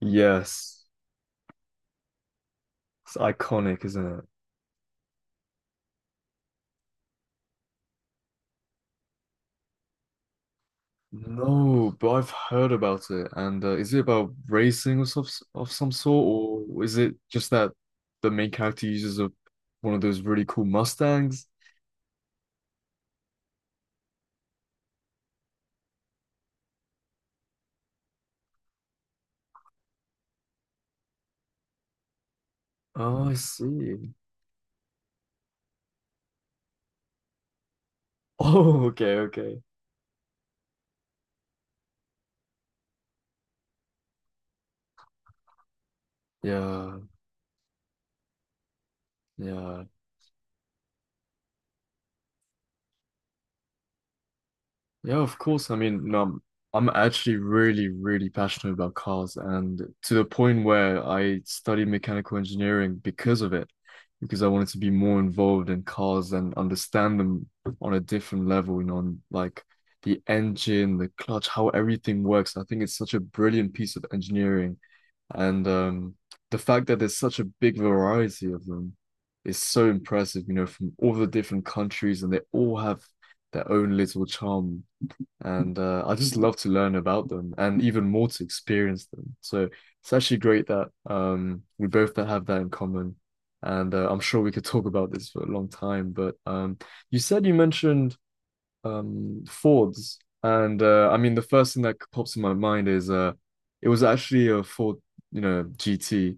Yes. It's iconic, isn't it? No, but I've heard about it. And is it about racing of some sort, or is it just that the main character uses one of those really cool Mustangs? Oh, I see. Oh, okay, okay. Yeah, yeah. Yeah, of course. I mean, I'm actually really, really passionate about cars, and to the point where I studied mechanical engineering because of it, because I wanted to be more involved in cars and understand them on a different level, you know, on like the engine, the clutch, how everything works. I think it's such a brilliant piece of engineering, and the fact that there's such a big variety of them is so impressive, you know, from all the different countries, and they all have their own little charm and I just love to learn about them and even more to experience them. So it's actually great that we both have that in common, and I'm sure we could talk about this for a long time. But you said you mentioned Fords, and I mean the first thing that pops in my mind is it was actually a Ford, you know, GT.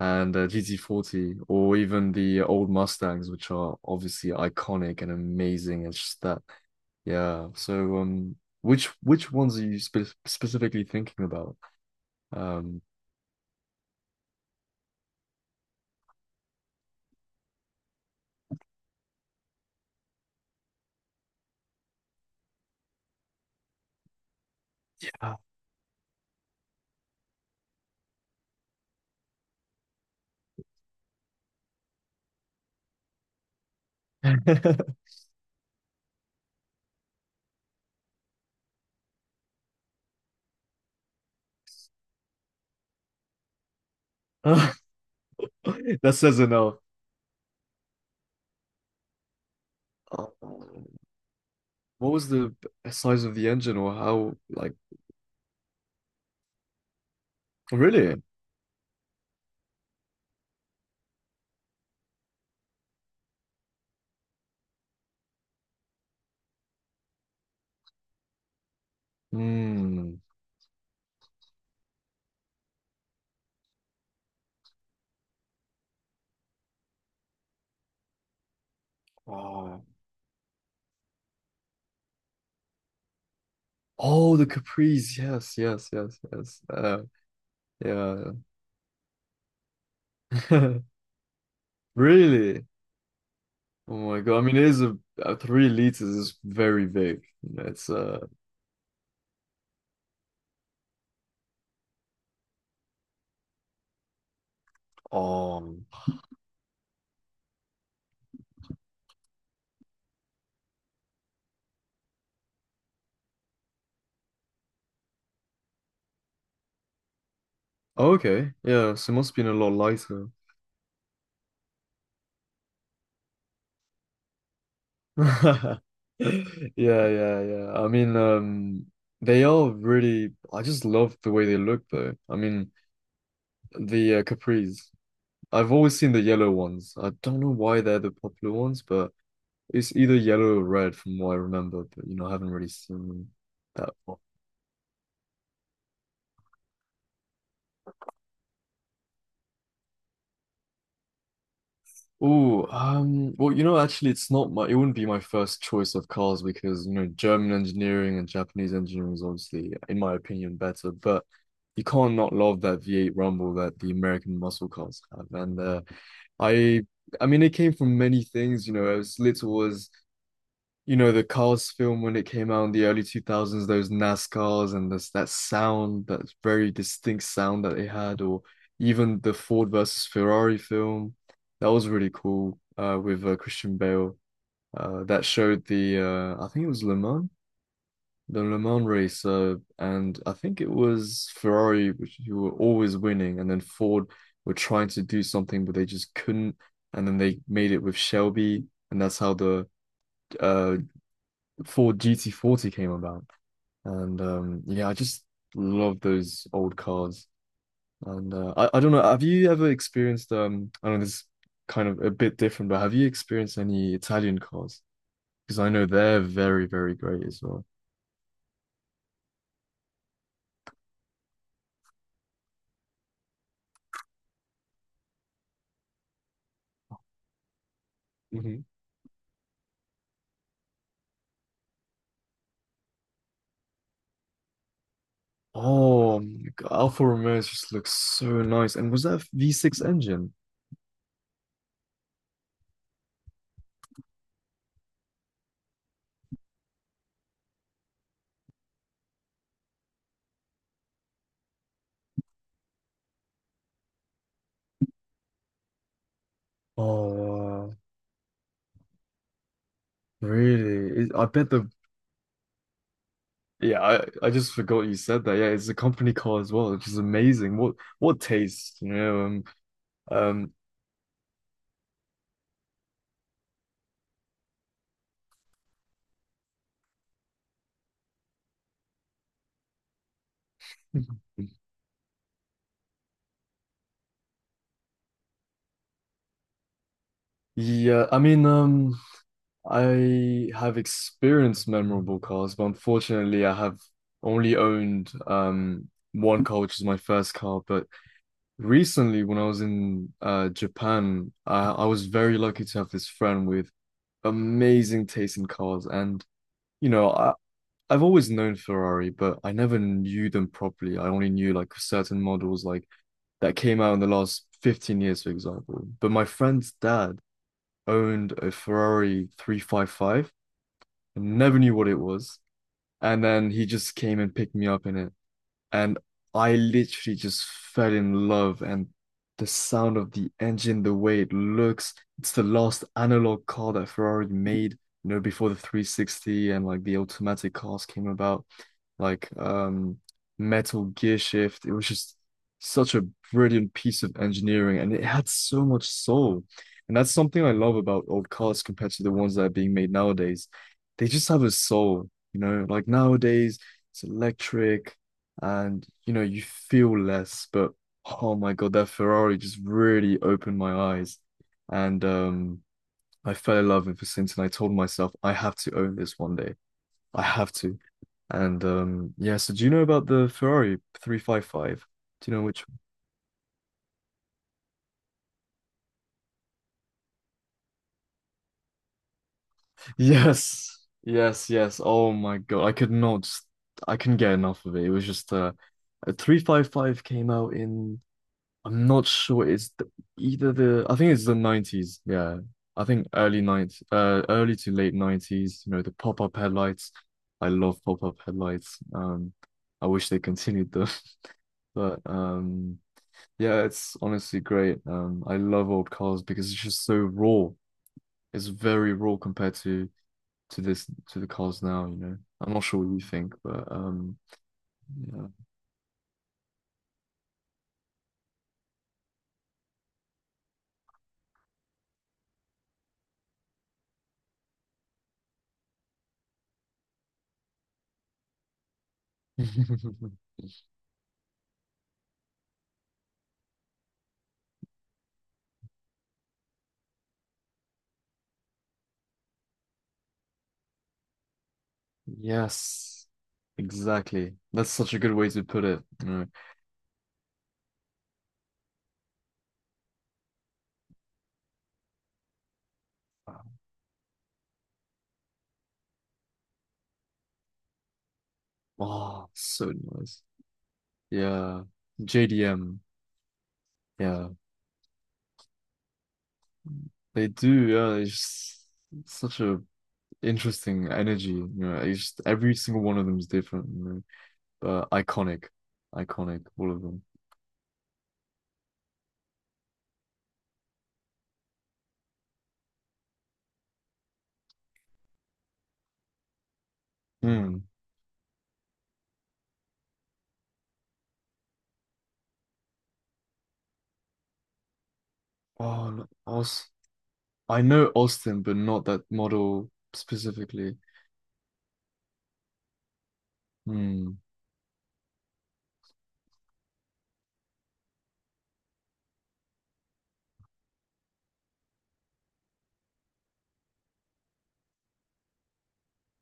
And GT40, or even the old Mustangs, which are obviously iconic and amazing. It's just that yeah. So, which ones are you specifically thinking about? Um, that says enough. Uh, What was the size of the engine, or how? Like, oh, really? Hmm. Oh, oh, the Caprice. Yes, yes, yes, yes. Yeah. Really? Oh my God. I mean, it is a 3 liters is very big. It's. Um. Okay. Yeah. So it must have been a lot lighter. Yeah, yeah, yeah. I mean, they are really. I just love the way they look, though. I mean, the capris. I've always seen the yellow ones. I don't know why they're the popular ones, but it's either yellow or red, from what I remember. But you know, I haven't really seen that. Oh, well, actually, it wouldn't be my first choice of cars because, you know, German engineering and Japanese engineering is obviously, in my opinion, better. But you can't not love that V8 Rumble that the American muscle cars have. And I, I mean, it came from many things, as little as the Cars film when it came out in the early 2000s, those NASCARs and this that sound, that very distinct sound that they had, or even the Ford versus Ferrari film, that was really cool with Christian Bale. That showed the I think it was Le Mans, the Le Mans race, and I think it was Ferrari, which who were always winning, and then Ford were trying to do something, but they just couldn't, and then they made it with Shelby, and that's how the uh before GT40 came about. And yeah, I just love those old cars. And I don't know, have you ever experienced, I don't know, this is kind of a bit different, but have you experienced any Italian cars? Because I know they're very, very great as well. Mhm. Oh, my God, Alfa Romeos just looks so nice. And was that a V6 engine? Oh, wow. Really? I bet the yeah, I just forgot you said that. Yeah, it's a company car as well, which is amazing. What taste, you know? Um, yeah, I mean, I have experienced memorable cars, but unfortunately, I have only owned one car, which is my first car. But recently, when I was in Japan, I was very lucky to have this friend with amazing taste in cars, and you know, I've always known Ferrari, but I never knew them properly. I only knew like certain models, like that came out in the last 15 years, for example. But my friend's dad owned a Ferrari 355 and never knew what it was. And then he just came and picked me up in it and I literally just fell in love. And the sound of the engine, the way it looks, it's the last analog car that Ferrari made, before the 360 and like the automatic cars came about, like metal gear shift. It was just such a brilliant piece of engineering and it had so much soul. And that's something I love about old cars compared to the ones that are being made nowadays. They just have a soul, you know, like nowadays it's electric and you know you feel less, but oh my god, that Ferrari just really opened my eyes, and I fell in love with Vicinton, and I told myself I have to own this one day. I have to. And yeah, so do you know about the Ferrari 355, do you know which? Yes, yes, yes, oh my god, I couldn't get enough of it. It was just a 355 came out in, I'm not sure. It's the, either the I think it's the 90s. Yeah, I think early 90s. Early to late 90s. You know, the pop-up headlights. I love pop-up headlights. I wish they continued them, but yeah, it's honestly great. I love old cars because it's just so raw. It's very raw compared to this, to the cars now. You know, I'm not sure what you think, but yeah. Yes, exactly. That's such a good way to put it. Wow, so nice. Yeah, JDM. Yeah, they do. Yeah, it's just such a interesting energy. You know, it's just every single one of them is different. You know, but iconic, iconic, all of them. Hmm. Oh, no, Aus. I know Austin, but not that model specifically. Hmm.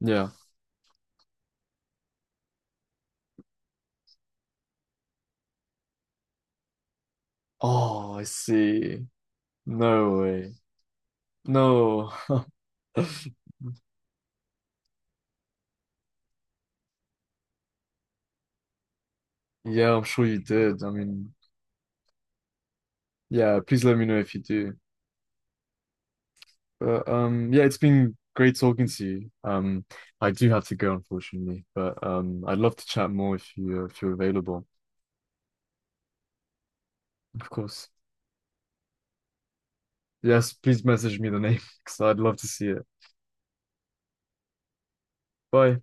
Yeah. Oh, I see. No way. No. Yeah, I'm sure you did. I mean, yeah. Please let me know if you do. But yeah, it's been great talking to you. I do have to go, unfortunately, but I'd love to chat more if you're available, of course. Yes, please message me the name because I'd love to see it. Bye.